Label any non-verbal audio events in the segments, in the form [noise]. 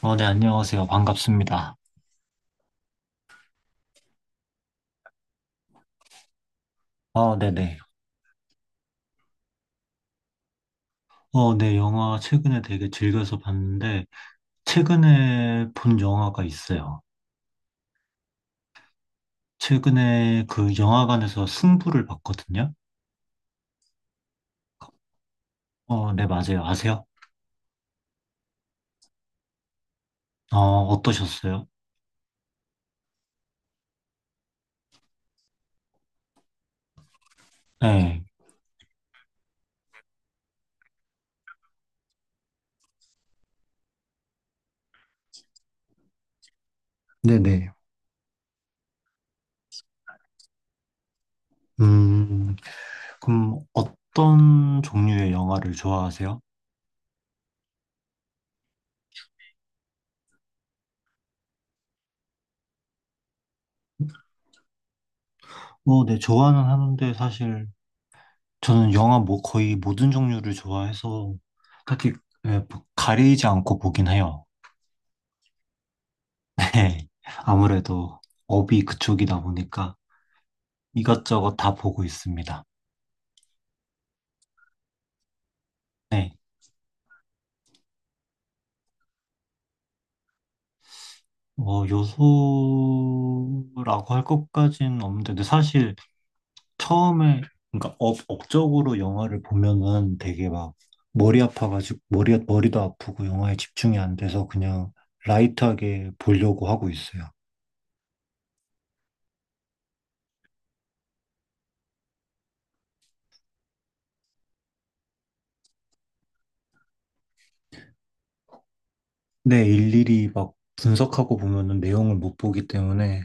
네, 안녕하세요. 반갑습니다. 네네. 네, 영화 최근에 되게 즐겨서 봤는데, 최근에 본 영화가 있어요. 최근에 그 영화관에서 승부를 봤거든요. 네, 맞아요. 아세요? 어, 어떠셨어요? 네. 네네. 음, 그럼 어떤 종류의 영화를 좋아하세요? 네, 좋아는 하는데 사실 저는 영화 뭐 거의 모든 종류를 좋아해서 딱히 예 뭐 가리지 않고 보긴 해요. 네, 아무래도 업이 그쪽이다 보니까 이것저것 다 보고 있습니다. 네, 뭐 요소라고 할 것까지는 없는데 근데 사실 처음에 그러니까 업적으로 영화를 보면은 되게 막 머리 아파가지고 머리도 아프고 영화에 집중이 안 돼서 그냥 라이트하게 보려고 하고 있어요. 네, 일일이 막 분석하고 보면은 내용을 못 보기 때문에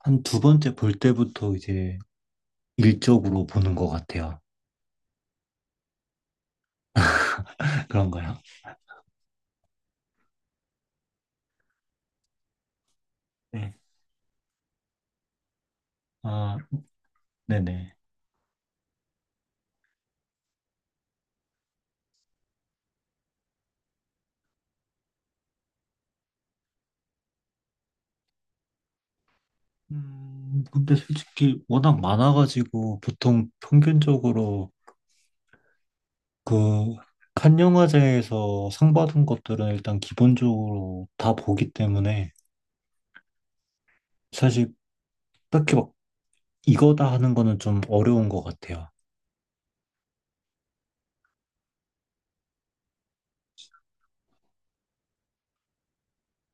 한 두 번째 볼 때부터 이제 일적으로 보는 것 같아요. 그런가요? 네. 아, 네네. 근데 솔직히 워낙 많아가지고 보통 평균적으로 그 칸 영화제에서 상 받은 것들은 일단 기본적으로 다 보기 때문에 사실 딱히 막 이거다 하는 거는 좀 어려운 것 같아요.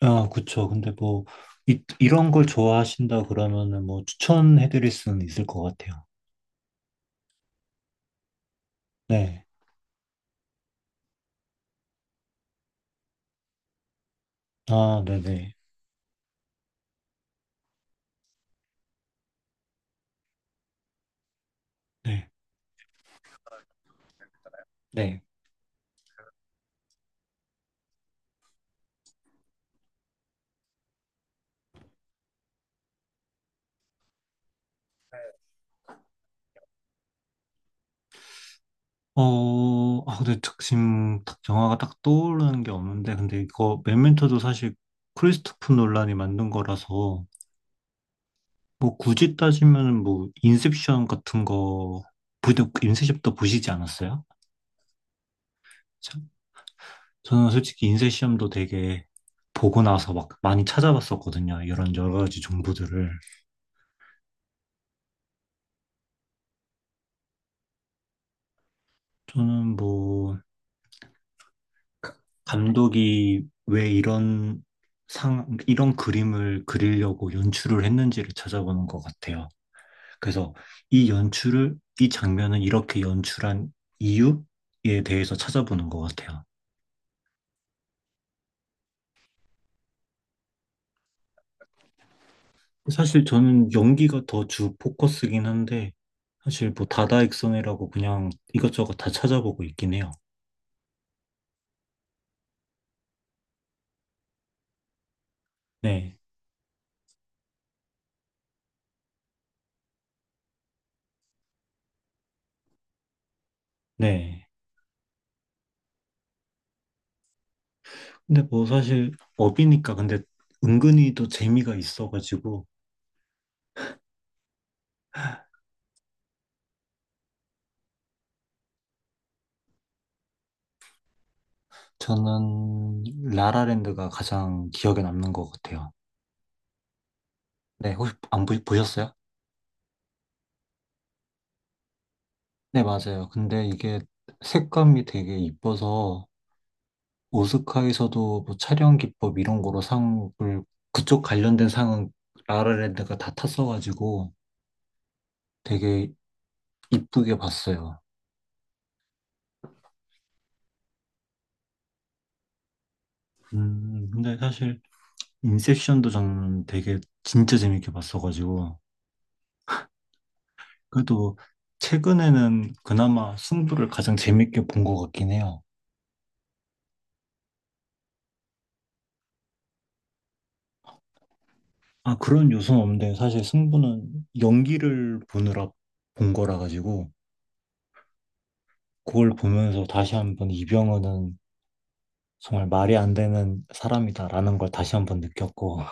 그쵸. 근데 뭐 이런 걸 좋아하신다 그러면은 뭐 추천해드릴 수는 있을 것 같아요. 네. 네네. 네. 네. 근데 지금 딱 영화가 딱 떠오르는 게 없는데, 근데 이거 메멘토도 사실 크리스토프 놀란이 만든 거라서, 뭐 굳이 따지면은 뭐 인셉션 같은 거, 부도 인셉션도 보시지 않았어요? 저- 저는 솔직히 인셉션도 되게 보고 나서 막 많이 찾아봤었거든요. 이런 여러 가지 정보들을. 저는 뭐, 가- 감독이 왜 이런 그림을 그리려고 연출을 했는지를 찾아보는 것 같아요. 그래서 이 연출을, 이 장면을 이렇게 연출한 이유에 대해서 찾아보는 것 같아요. 사실 저는 연기가 더 주 포커스긴 한데, 사실 뭐 다다익선이라고 그냥 이것저것 다 찾아보고 있긴 해요. 네, 네. 근데 뭐 사실 업이니까 근데 은근히 또 재미가 있어가지고, 저는 라라랜드가 가장 기억에 남는 것 같아요. 네, 혹시 안 보셨어요? 네, 맞아요. 근데 이게 색감이 되게 이뻐서 오스카에서도 뭐 촬영 기법 이런 거로 상을 그쪽 관련된 상은 라라랜드가 다 탔어가지고 되게 이쁘게 봤어요. 근데 사실 인셉션도 저는 되게 진짜 재밌게 봤어가지고 그래도 최근에는 그나마 승부를 가장 재밌게 본 것 같긴 해요. 그런 요소는 없는데 사실 승부는 연기를 보느라 본 거라 가지고 그걸 보면서 다시 한번 이병헌은 정말 말이 안 되는 사람이다라는 걸 다시 한 번 느꼈고,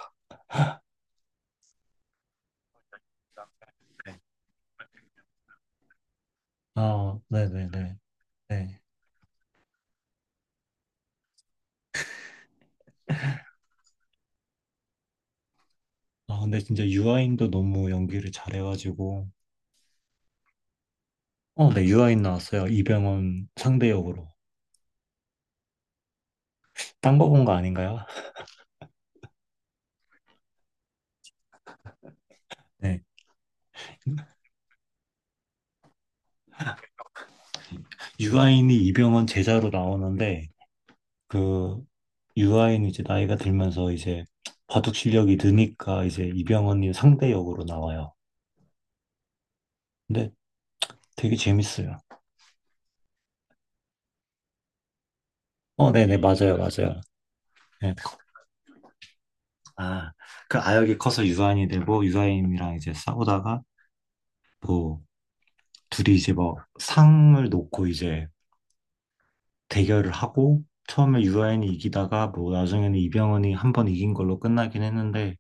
네. 네네네. 네. 근데 진짜 유아인도 너무 연기를 잘해가지고, 네, 유아인 나왔어요. 이병헌 상대 역으로. 딴 거 본 거 아닌가요? 네. 유아인이 이병헌 제자로 나오는데, 그, 유아인이 이제 나이가 들면서 이제 바둑 실력이 느니까 이제 이병헌이 상대 역으로 나와요. 근데 되게 재밌어요. 네네, 맞아요, 맞아요. 네. 아, 그 아역이 커서 유아인이 되고 유아인이랑 이제 싸우다가 뭐 둘이 이제 뭐 상을 놓고 이제 대결을 하고 처음에 유아인이 이기다가 뭐 나중에는 이병헌이 한 번 이긴 걸로 끝나긴 했는데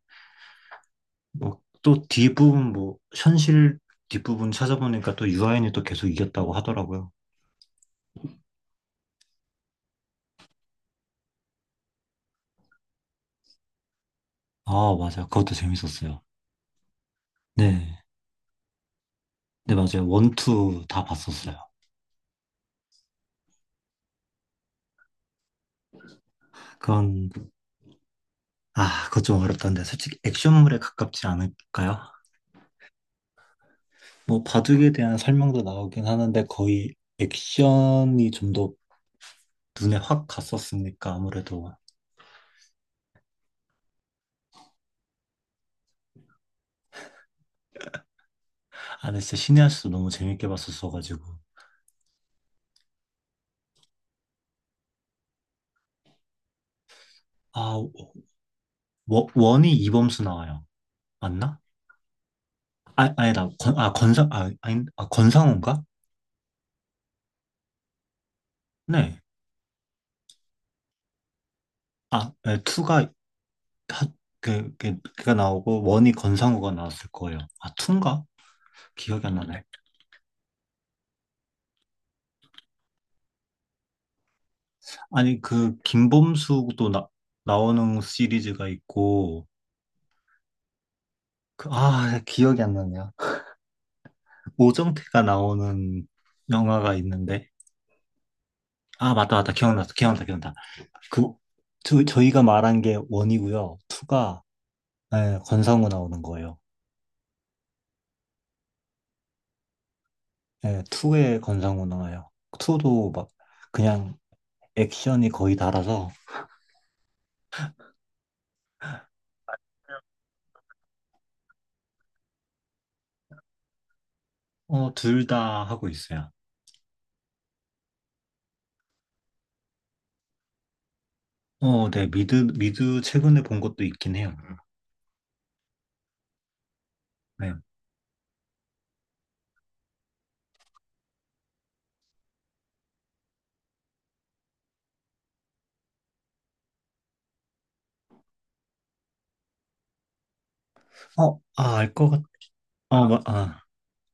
뭐 또 뒷부분 뭐 현실 뒷부분 찾아보니까 또 유아인이 또 계속 이겼다고 하더라고요. 아, 맞아요. 그것도 재밌었어요. 네. 네, 맞아요. 원투 다 봤었어요. 그건 그것 좀 어렵던데 솔직히 액션물에 가깝지 않을까요? 뭐 바둑에 대한 설명도 나오긴 하는데 거의 액션이 좀 더 눈에 확 갔었으니까 아무래도. 근데 진짜 신의 한 수도 너무 재밌게 봤었어가지고. 아 원이 이범수 나와요. 맞나? 아니다. 건, 아 건상 아 아니 아 건상우인가? 네아. 네, 투가 하, 그가 나오고 원이 건상우가 나왔을 거예요. 투인가? 기억이 안 나네. 아니, 그 김범수도 나오는 시리즈가 있고. 기억이 안 나네요. 그 오정태가 나오는 영화가 있는데. 맞다, 맞다. 기억났어. 기억났다, 기억났다. 그, 저희가 말한 게 원이고요. 투가, 예, 권상우 나오는 거예요. 예, 투에 권상우 나와요. 투도 막, 그냥 액션이 거의 달아서, 둘 다 하고 있어요. 네, 미드 최근에 본 것도 있긴 해요. 네. 알 것 같. 마- 아.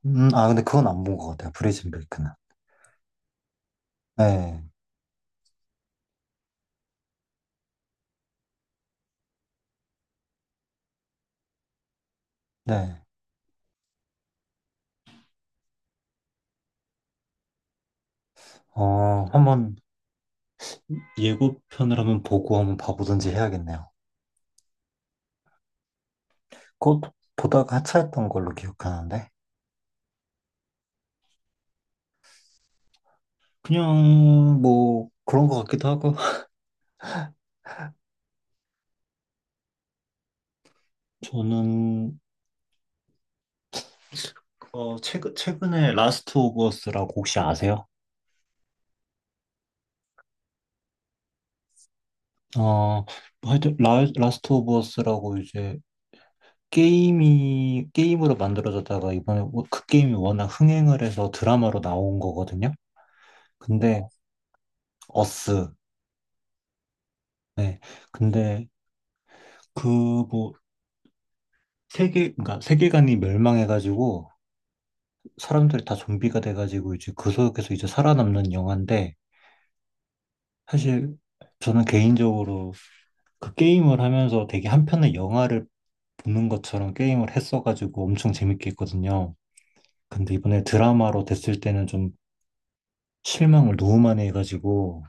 근데 그건 안 본 것 같아요. 브레이즌 베이크는. 네, 네. 한번 예고편을 한번 보고 한번 봐보든지 해야겠네요. 그것 보다가 하차했던 걸로 기억하는데. 그냥 뭐 그런 것 같기도 하고. [laughs] 저는 최근에 라스트 오브 어스라고 혹시 아세요? 어, 뭐 하여튼 라스트 오브 어스라고 이제 게임이 게임으로 만들어졌다가 이번에 그 게임이 워낙 흥행을 해서 드라마로 나온 거거든요. 근데 어스. 네. 근데 그뭐 그러니까 세계관이 멸망해가지고 사람들이 다 좀비가 돼가지고 이제 그 속에서 이제 살아남는 영화인데 사실 저는 개인적으로 그 게임을 하면서 되게 한편의 영화를 보는 것처럼 게임을 했어가지고 엄청 재밌게 했거든요. 근데 이번에 드라마로 됐을 때는 좀 실망을 너무 많이 해가지고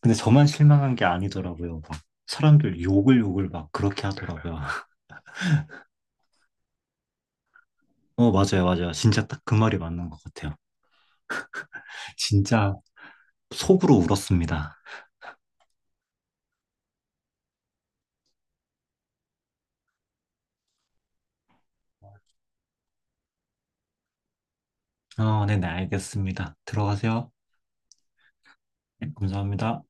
근데 저만 실망한 게 아니더라고요. 막 사람들 욕을 욕을 막 그렇게 하더라고요. [laughs] 맞아요, 맞아요. 진짜 딱 그 말이 맞는 것 같아요. 진짜 속으로 울었습니다. 네네, 알겠습니다. 들어가세요. 네, 감사합니다.